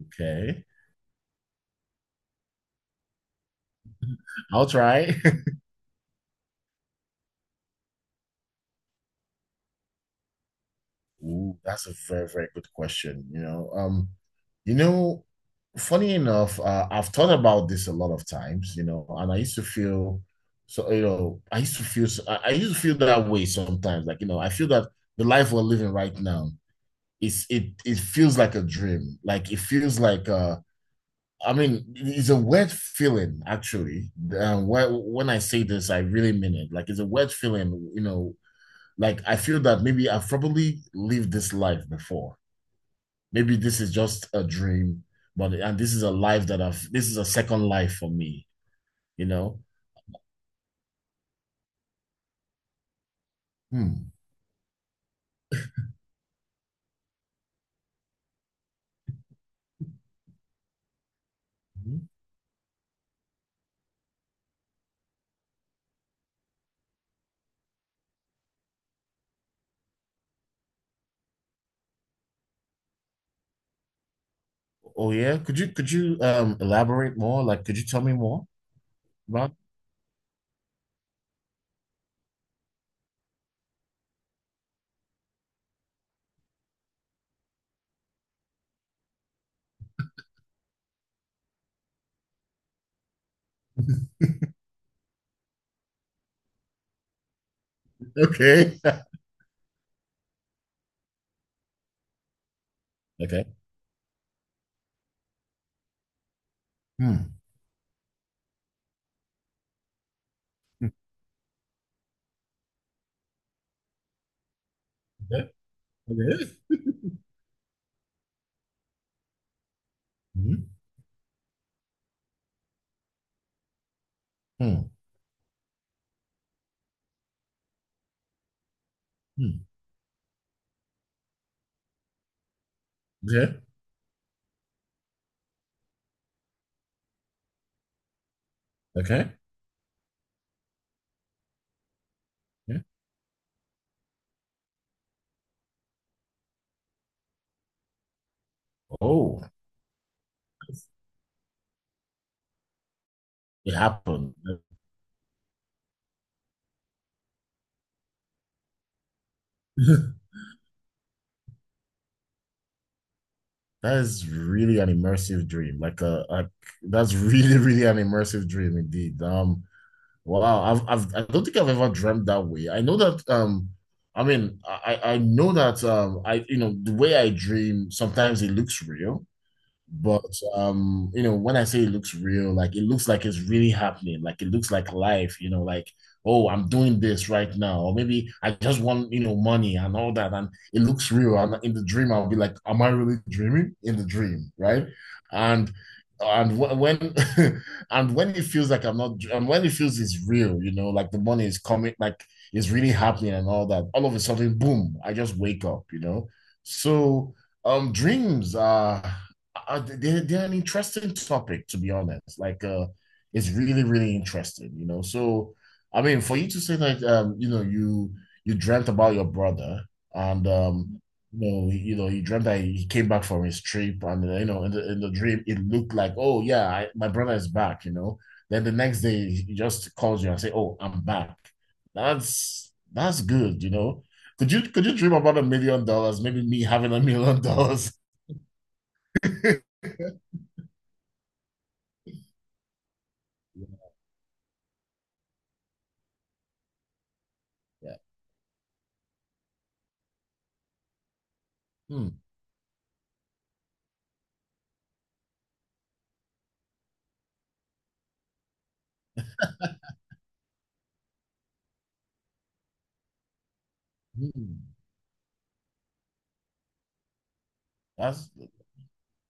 Okay, I'll try. Ooh, that's a very, very good question. You know, funny enough, I've thought about this a lot of times. And I used to feel so. I used to feel. I used to feel that way sometimes. Like, I feel that the life we're living right now is it. It feels like a dream. Like it feels like. I mean, it's a weird feeling, actually. When I say this, I really mean it. Like it's a weird feeling. Like I feel that maybe I've probably lived this life before. Maybe this is just a dream, but and this is a life that I've, this is a second life for me, you know? Hmm. Mhm. Oh yeah. Could you elaborate more? Like, could you tell me more about. Okay. Okay. Hmm. Okay. Okay. Hmm. Hmm. Hmm. Okay. Okay. Yeah. Oh, it happened. That is really an immersive dream. Like a, that's really, really an immersive dream, indeed. Wow, I don't think I've ever dreamt that way. I know that, I mean, I know that, I, the way I dream sometimes it looks real. But when I say it looks real, like it looks like it's really happening, like it looks like life, like, oh, I'm doing this right now, or maybe I just want, money and all that, and it looks real. And in the dream, I'll be like, am I really dreaming? In the dream, right? And and wh- when and when it feels like I'm not, and when it feels it's real, like the money is coming, like it's really happening and all that, all of a sudden, boom, I just wake up. So, dreams are, they're an interesting topic, to be honest, like, it's really, really interesting, so I mean, for you to say that, you dreamt about your brother, and you dreamt that he came back from his trip. And in the dream, it looked like, oh yeah, I, my brother is back. Then the next day he just calls you and say, oh, I'm back. That's good. Could you dream about $1 million? Maybe me having $1 million? Yeah. Hmm. Hmm. That's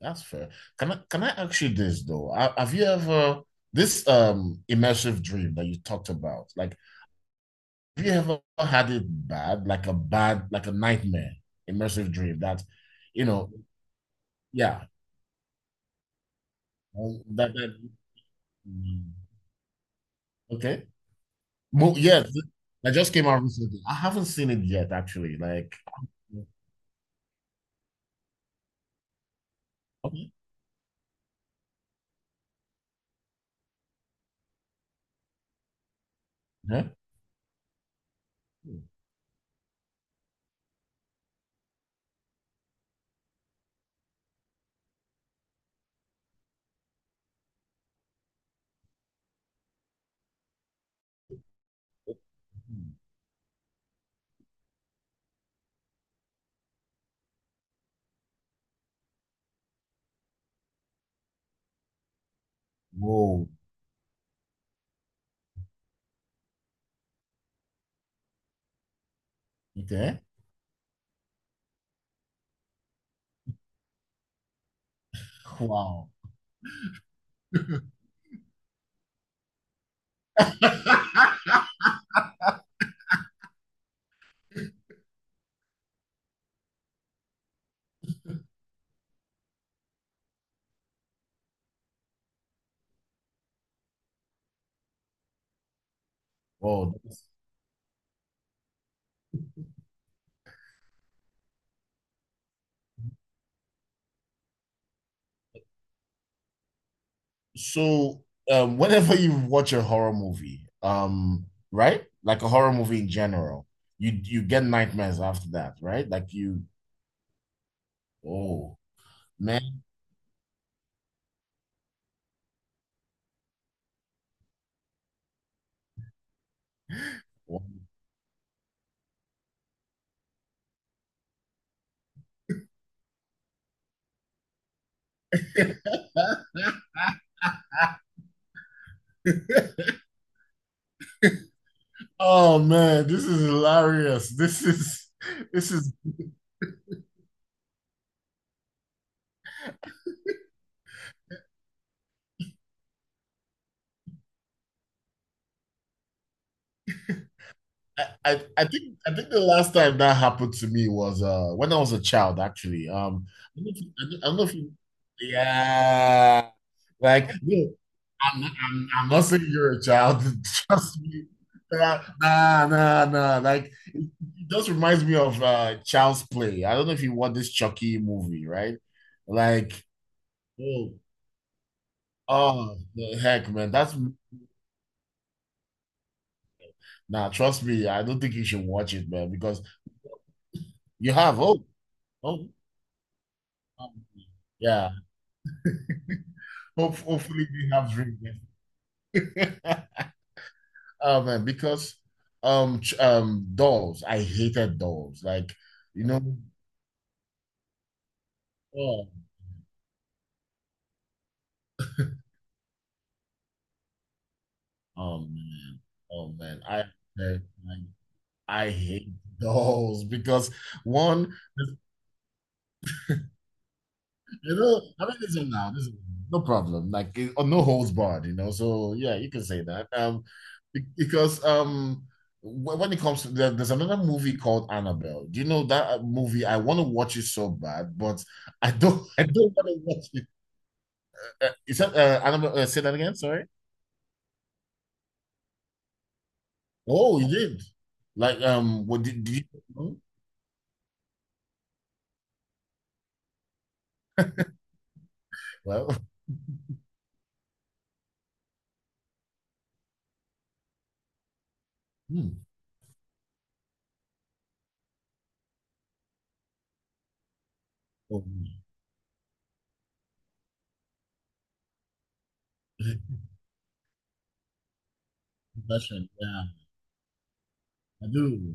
that's fair. Can I ask you this though? Have you ever this immersive dream that you talked about? Like, have you ever had it bad, like a nightmare immersive dream that, you know, yeah, that. Mm. Okay. Well, yeah, that just came out recently. I haven't seen it yet, actually. Like, okay, yeah. Hmm. Whoa. Okay. Wow. Whoa. So, whenever you watch a horror movie, right? Like a horror movie in general, you get nightmares after that, right? Like you, oh man, oh man, this is hilarious. This is. I think the last time that happened to me was when I was a child, actually. I don't know if you, yeah, like. No, I'm not saying you're a child. Trust me. Nah, nah, nah, nah. Like, it it just reminds me of Child's Play. I don't know if you watch this Chucky movie, right? Like, oh, oh, the heck, man. That's, nah, trust me. I don't think you should watch it, man, because you have, oh, oh, um, yeah. Hopefully we have drink. Yeah. Oh man, because dolls, I hated dolls. Like, you know. Oh, oh man, oh man, I hate those because one, I mean, listen now, this is no problem, like it, no holds barred. So yeah, you can say that. Because when it comes to there's another movie called Annabelle. Do you know that movie? I want to watch it so bad, but I don't. I don't want to watch it. Is that Annabelle? Say that again. Sorry. Oh, you did. Like, what did you? Huh? Well, Hmm. Oh, Question. Yeah, I do.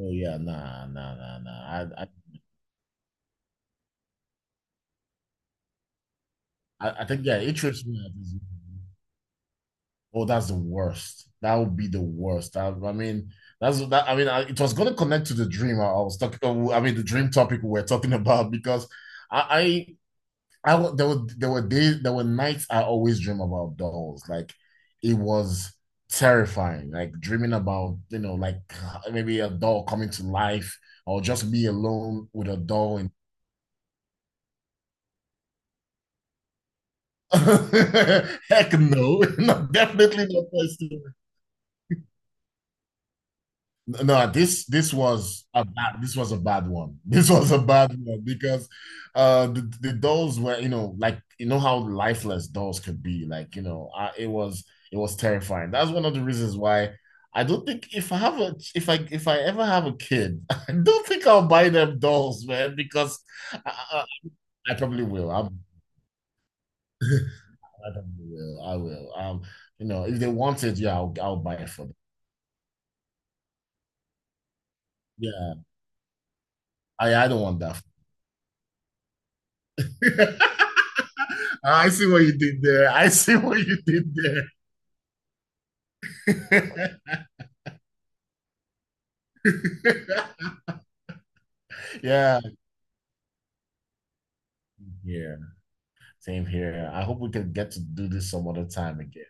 Oh yeah, nah, nah, nah, nah. I think, yeah, interest rate is. Oh, that's the worst. That would be the worst. I mean, that's that. I mean, I, it was going to connect to the dream I was talking. I mean, the dream topic we were talking about, because I, there were days, there were nights, I always dream about dolls. Like it was terrifying. Like dreaming about, like, maybe a doll coming to life, or just be alone with a doll. And heck no, no, definitely not. No, this was a bad, this was a bad one. This was a bad one, because the dolls were, like you know how lifeless dolls could be. Like, I, it was terrifying. That's one of the reasons why I don't think, if I ever have a kid, I don't think I'll buy them dolls, man, because I, I, I probably will. I'm I probably will. I will. If they want it, yeah, I'll buy it for them. Yeah, I don't want that. I see what you did there. I see what you did there. Yeah, yeah, same here. I hope we can get to do this some other time again.